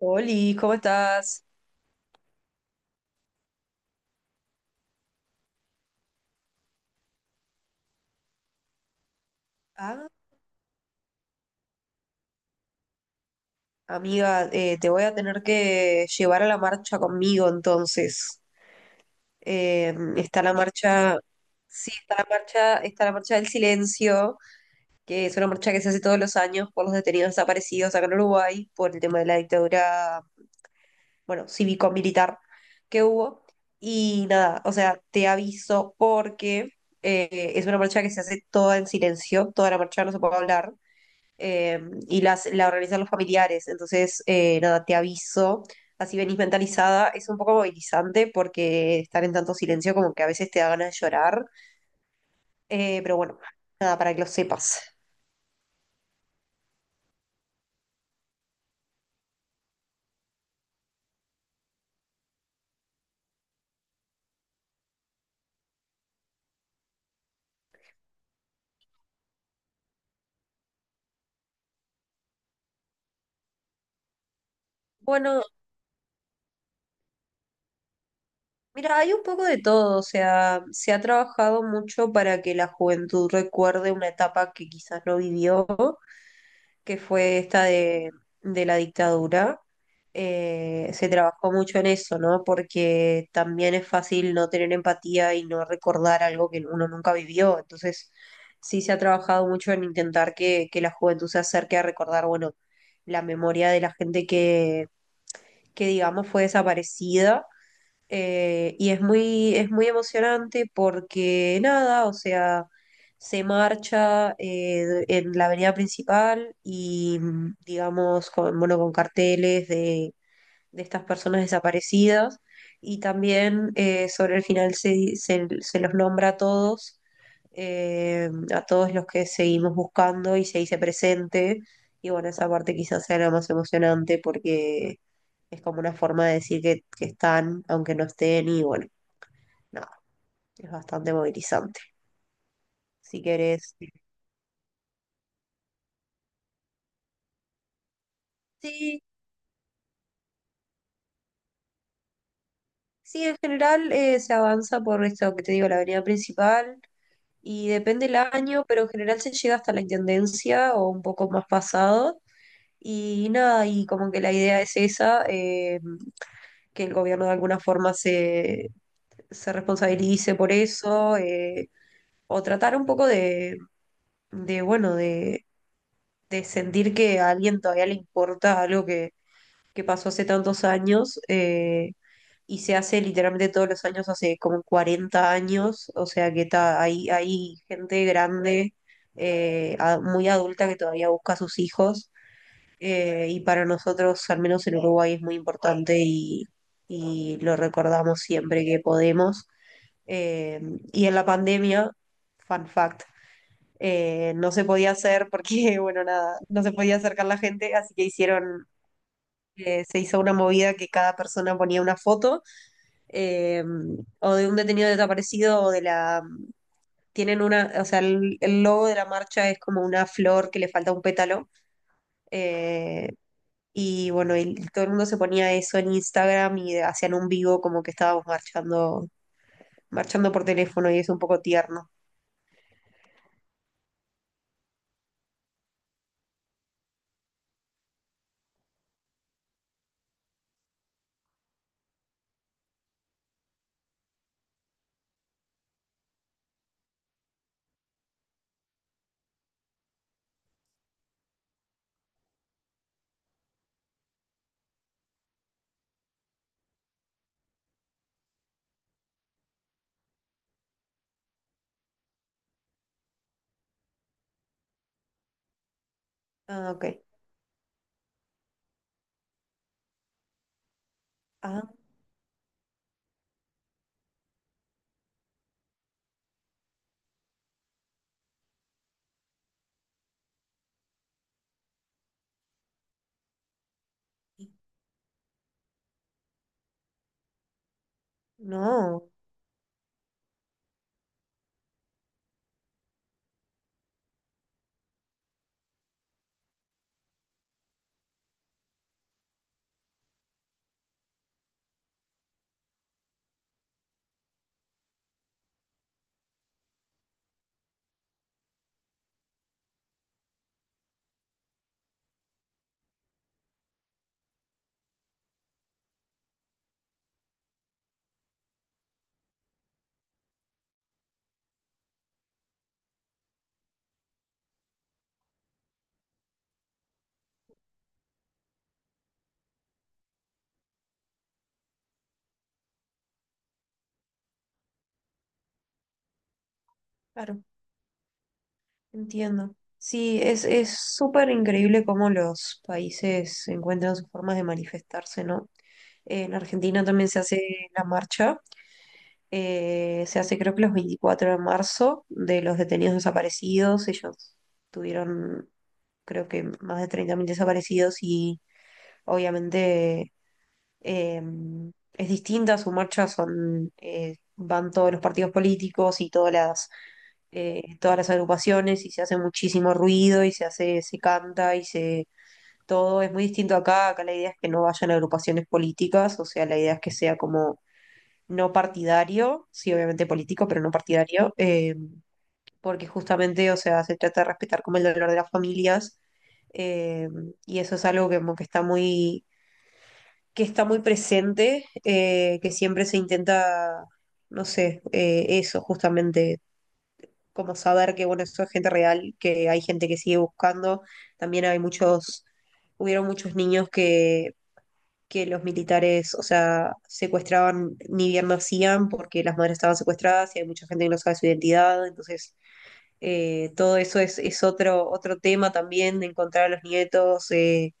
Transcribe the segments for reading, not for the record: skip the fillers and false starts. Oli, ¿cómo estás? Ah, amiga, te voy a tener que llevar a la marcha conmigo entonces. Eh, está la marcha, sí, Está la marcha, está la marcha del silencio, que es una marcha que se hace todos los años por los detenidos desaparecidos acá en Uruguay, por el tema de la dictadura, bueno, cívico-militar que hubo. Y nada, o sea, te aviso porque es una marcha que se hace toda en silencio, toda la marcha no se puede hablar eh, y la organizan los familiares. Entonces, nada, te aviso. Así venís mentalizada. Es un poco movilizante porque estar en tanto silencio como que a veces te da ganas de llorar. Pero bueno, nada, para que lo sepas. Bueno, mira, hay un poco de todo. O sea, se ha trabajado mucho para que la juventud recuerde una etapa que quizás no vivió, que fue esta de la dictadura. Eh, se trabajó mucho en eso, ¿no? Porque también es fácil no tener empatía y no recordar algo que uno nunca vivió. Entonces, sí se ha trabajado mucho en intentar que la juventud se acerque a recordar, bueno, la memoria de la gente que, digamos, fue desaparecida. Y es muy emocionante porque nada, o sea, se marcha en la avenida principal y digamos, con, bueno, con carteles de estas personas desaparecidas. Y también sobre el final se los nombra a todos los que seguimos buscando y se dice presente. Y bueno, esa parte quizás sea la más emocionante porque es como una forma de decir que están, aunque no estén. Y bueno, nada, es bastante movilizante. Si querés. Sí, sí, en general se avanza por esto que te digo, la avenida principal. Y depende el año, pero en general se llega hasta la intendencia o un poco más pasado. Y nada, y como que la idea es esa, que el gobierno de alguna forma se responsabilice por eso, o tratar un poco de bueno, de sentir que a alguien todavía le importa algo que pasó hace tantos años. Y se hace literalmente todos los años, hace como 40 años, o sea que hay, hay gente grande, muy adulta que todavía busca a sus hijos. Y para nosotros, al menos en Uruguay, es muy importante y lo recordamos siempre que podemos. Eh, y en la pandemia, fun fact, no se podía hacer porque, bueno, nada, no se podía acercar la gente, así que hicieron, se hizo una movida que cada persona ponía una foto, eh, o de un detenido desaparecido o de la... Tienen una, o sea, el logo de la marcha es como una flor que le falta un pétalo. eh, y bueno, y todo el mundo se ponía eso en Instagram y hacían un vivo como que estábamos marchando, marchando por teléfono, y es un poco tierno. Ah, ok. Ah, no, claro. Entiendo. Sí, es súper increíble cómo los países encuentran sus formas de manifestarse, ¿no? En Argentina también se hace la marcha. Se hace creo que los 24 de marzo, de los detenidos desaparecidos. Ellos tuvieron, creo que, más de 30.000 desaparecidos. Y obviamente eh, es distinta su marcha, son, van todos los partidos políticos y todas las agrupaciones, y se hace muchísimo ruido y se hace, se canta y se, todo es muy distinto acá. Acá la idea es que no vayan agrupaciones políticas, o sea, la idea es que sea como no partidario, sí, obviamente político, pero no partidario. Porque justamente, o sea, se trata de respetar como el dolor de las familias. eh, y eso es algo como que está muy presente, que siempre se intenta, no sé, eso justamente, como saber que, bueno, eso es gente real, que hay gente que sigue buscando. También hay muchos, hubieron muchos niños que los militares, o sea, secuestraban, ni bien nacían porque las madres estaban secuestradas, y hay mucha gente que no sabe su identidad. Entonces, todo eso es otro, otro tema también, de encontrar a los nietos.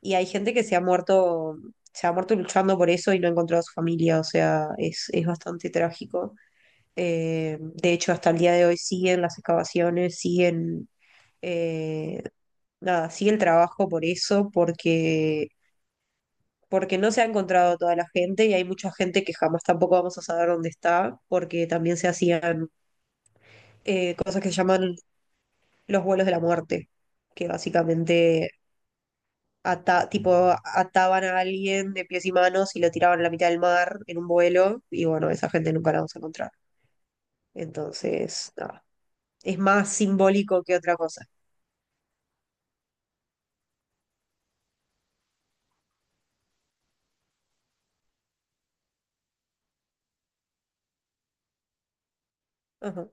Y hay gente que se ha muerto luchando por eso y no ha encontrado a su familia. O sea, es bastante trágico. De hecho, hasta el día de hoy siguen las excavaciones, siguen, eh, nada, sigue el trabajo por eso, porque, porque no se ha encontrado toda la gente, y hay mucha gente que jamás tampoco vamos a saber dónde está, porque también se hacían cosas que se llaman los vuelos de la muerte, que básicamente tipo, ataban a alguien de pies y manos y lo tiraban a la mitad del mar en un vuelo, y bueno, esa gente nunca la vamos a encontrar. Entonces, nada, es más simbólico que otra cosa. Ajá.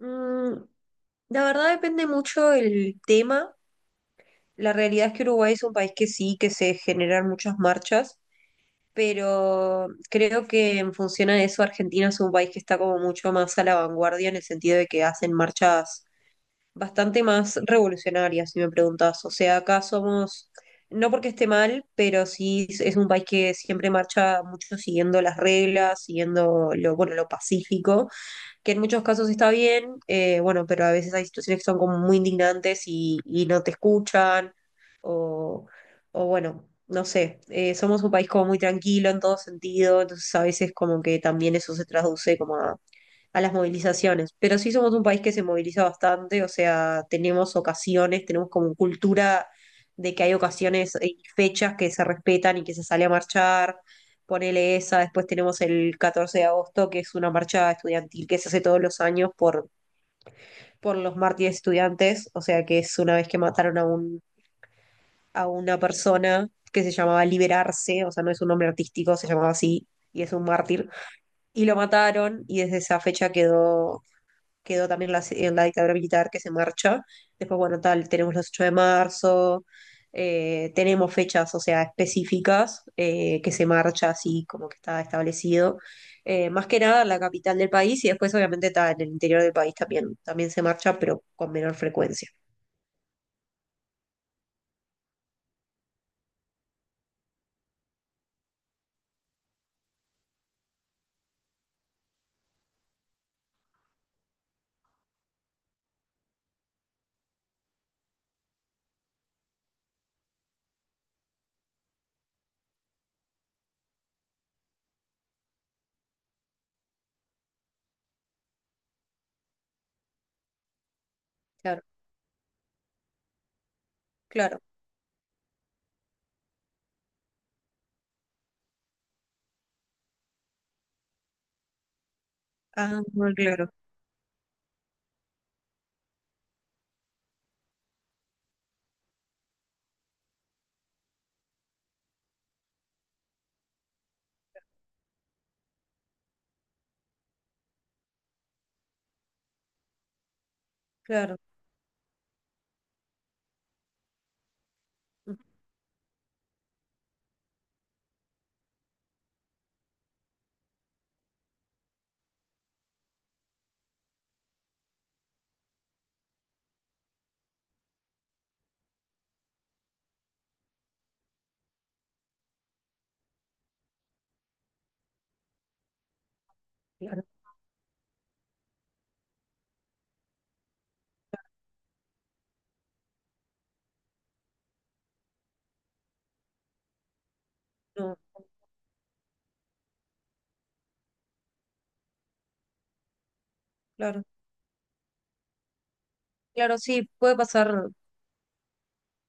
Mm, la verdad depende mucho el tema. La realidad es que Uruguay es un país que sí, que se generan muchas marchas, pero creo que en función a eso Argentina es un país que está como mucho más a la vanguardia, en el sentido de que hacen marchas bastante más revolucionarias, si me preguntas. O sea, acá somos, no porque esté mal, pero sí es un país que siempre marcha mucho siguiendo las reglas, siguiendo lo, bueno, lo pacífico, que en muchos casos está bien. Bueno, pero a veces hay situaciones que son como muy indignantes y no te escuchan, o, o bueno, no sé, somos un país como muy tranquilo en todo sentido, entonces a veces como que también eso se traduce como a las movilizaciones, pero sí somos un país que se moviliza bastante, o sea, tenemos ocasiones, tenemos como cultura de que hay ocasiones y fechas que se respetan y que se sale a marchar, ponele esa, después tenemos el 14 de agosto, que es una marcha estudiantil que se hace todos los años por los mártires estudiantes, o sea, que es una vez que mataron a un, a una persona que se llamaba Liberarse, o sea, no es un nombre artístico, se llamaba así, y es un mártir, y lo mataron, y desde esa fecha quedó también la, en la dictadura militar, que se marcha. Después, bueno, tal, tenemos los 8 de marzo, tenemos fechas, o sea, específicas que se marcha así, como que está establecido. Más que nada en la capital del país, y después obviamente está en el interior del país también, también se marcha, pero con menor frecuencia. Claro, claro. Ah, bueno, claro, claro, ujú, claro, no, claro. Claro,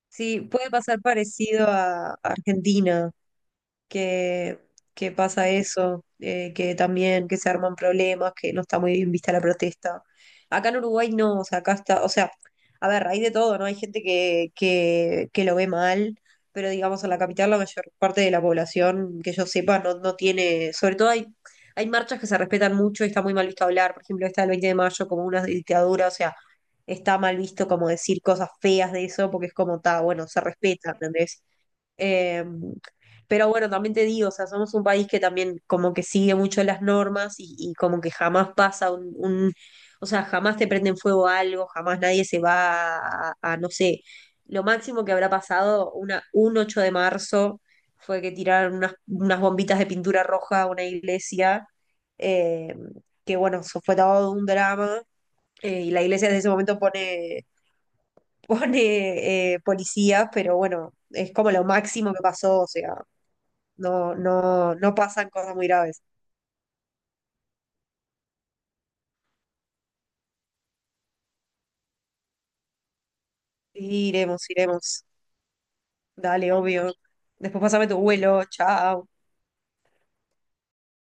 sí, puede pasar parecido a Argentina. que, que pasa eso, que también que se arman problemas, que no está muy bien vista la protesta. Acá en Uruguay no, o sea, acá está, o sea, a ver, hay de todo, ¿no? Hay gente que lo ve mal, pero digamos en la capital la mayor parte de la población que yo sepa no, no tiene, sobre todo hay, hay marchas que se respetan mucho, y está muy mal visto hablar, por ejemplo, esta del 20 de mayo como una dictadura, o sea, está mal visto como decir cosas feas de eso, porque es como, está, bueno, se respeta, ¿entendés? Eh, pero bueno, también te digo, o sea, somos un país que también como que sigue mucho las normas, y como que jamás pasa o sea, jamás te prenden fuego algo, jamás nadie se va a, no sé, lo máximo que habrá pasado un 8 de marzo fue que tiraron unas bombitas de pintura roja a una iglesia. eh, que bueno, eso fue todo un drama. Y la iglesia desde ese momento pone policías, pero bueno, es como lo máximo que pasó, o sea, no, no, no pasan cosas muy graves. Sí, iremos, iremos. Dale, obvio. Después pasame tu vuelo, chao.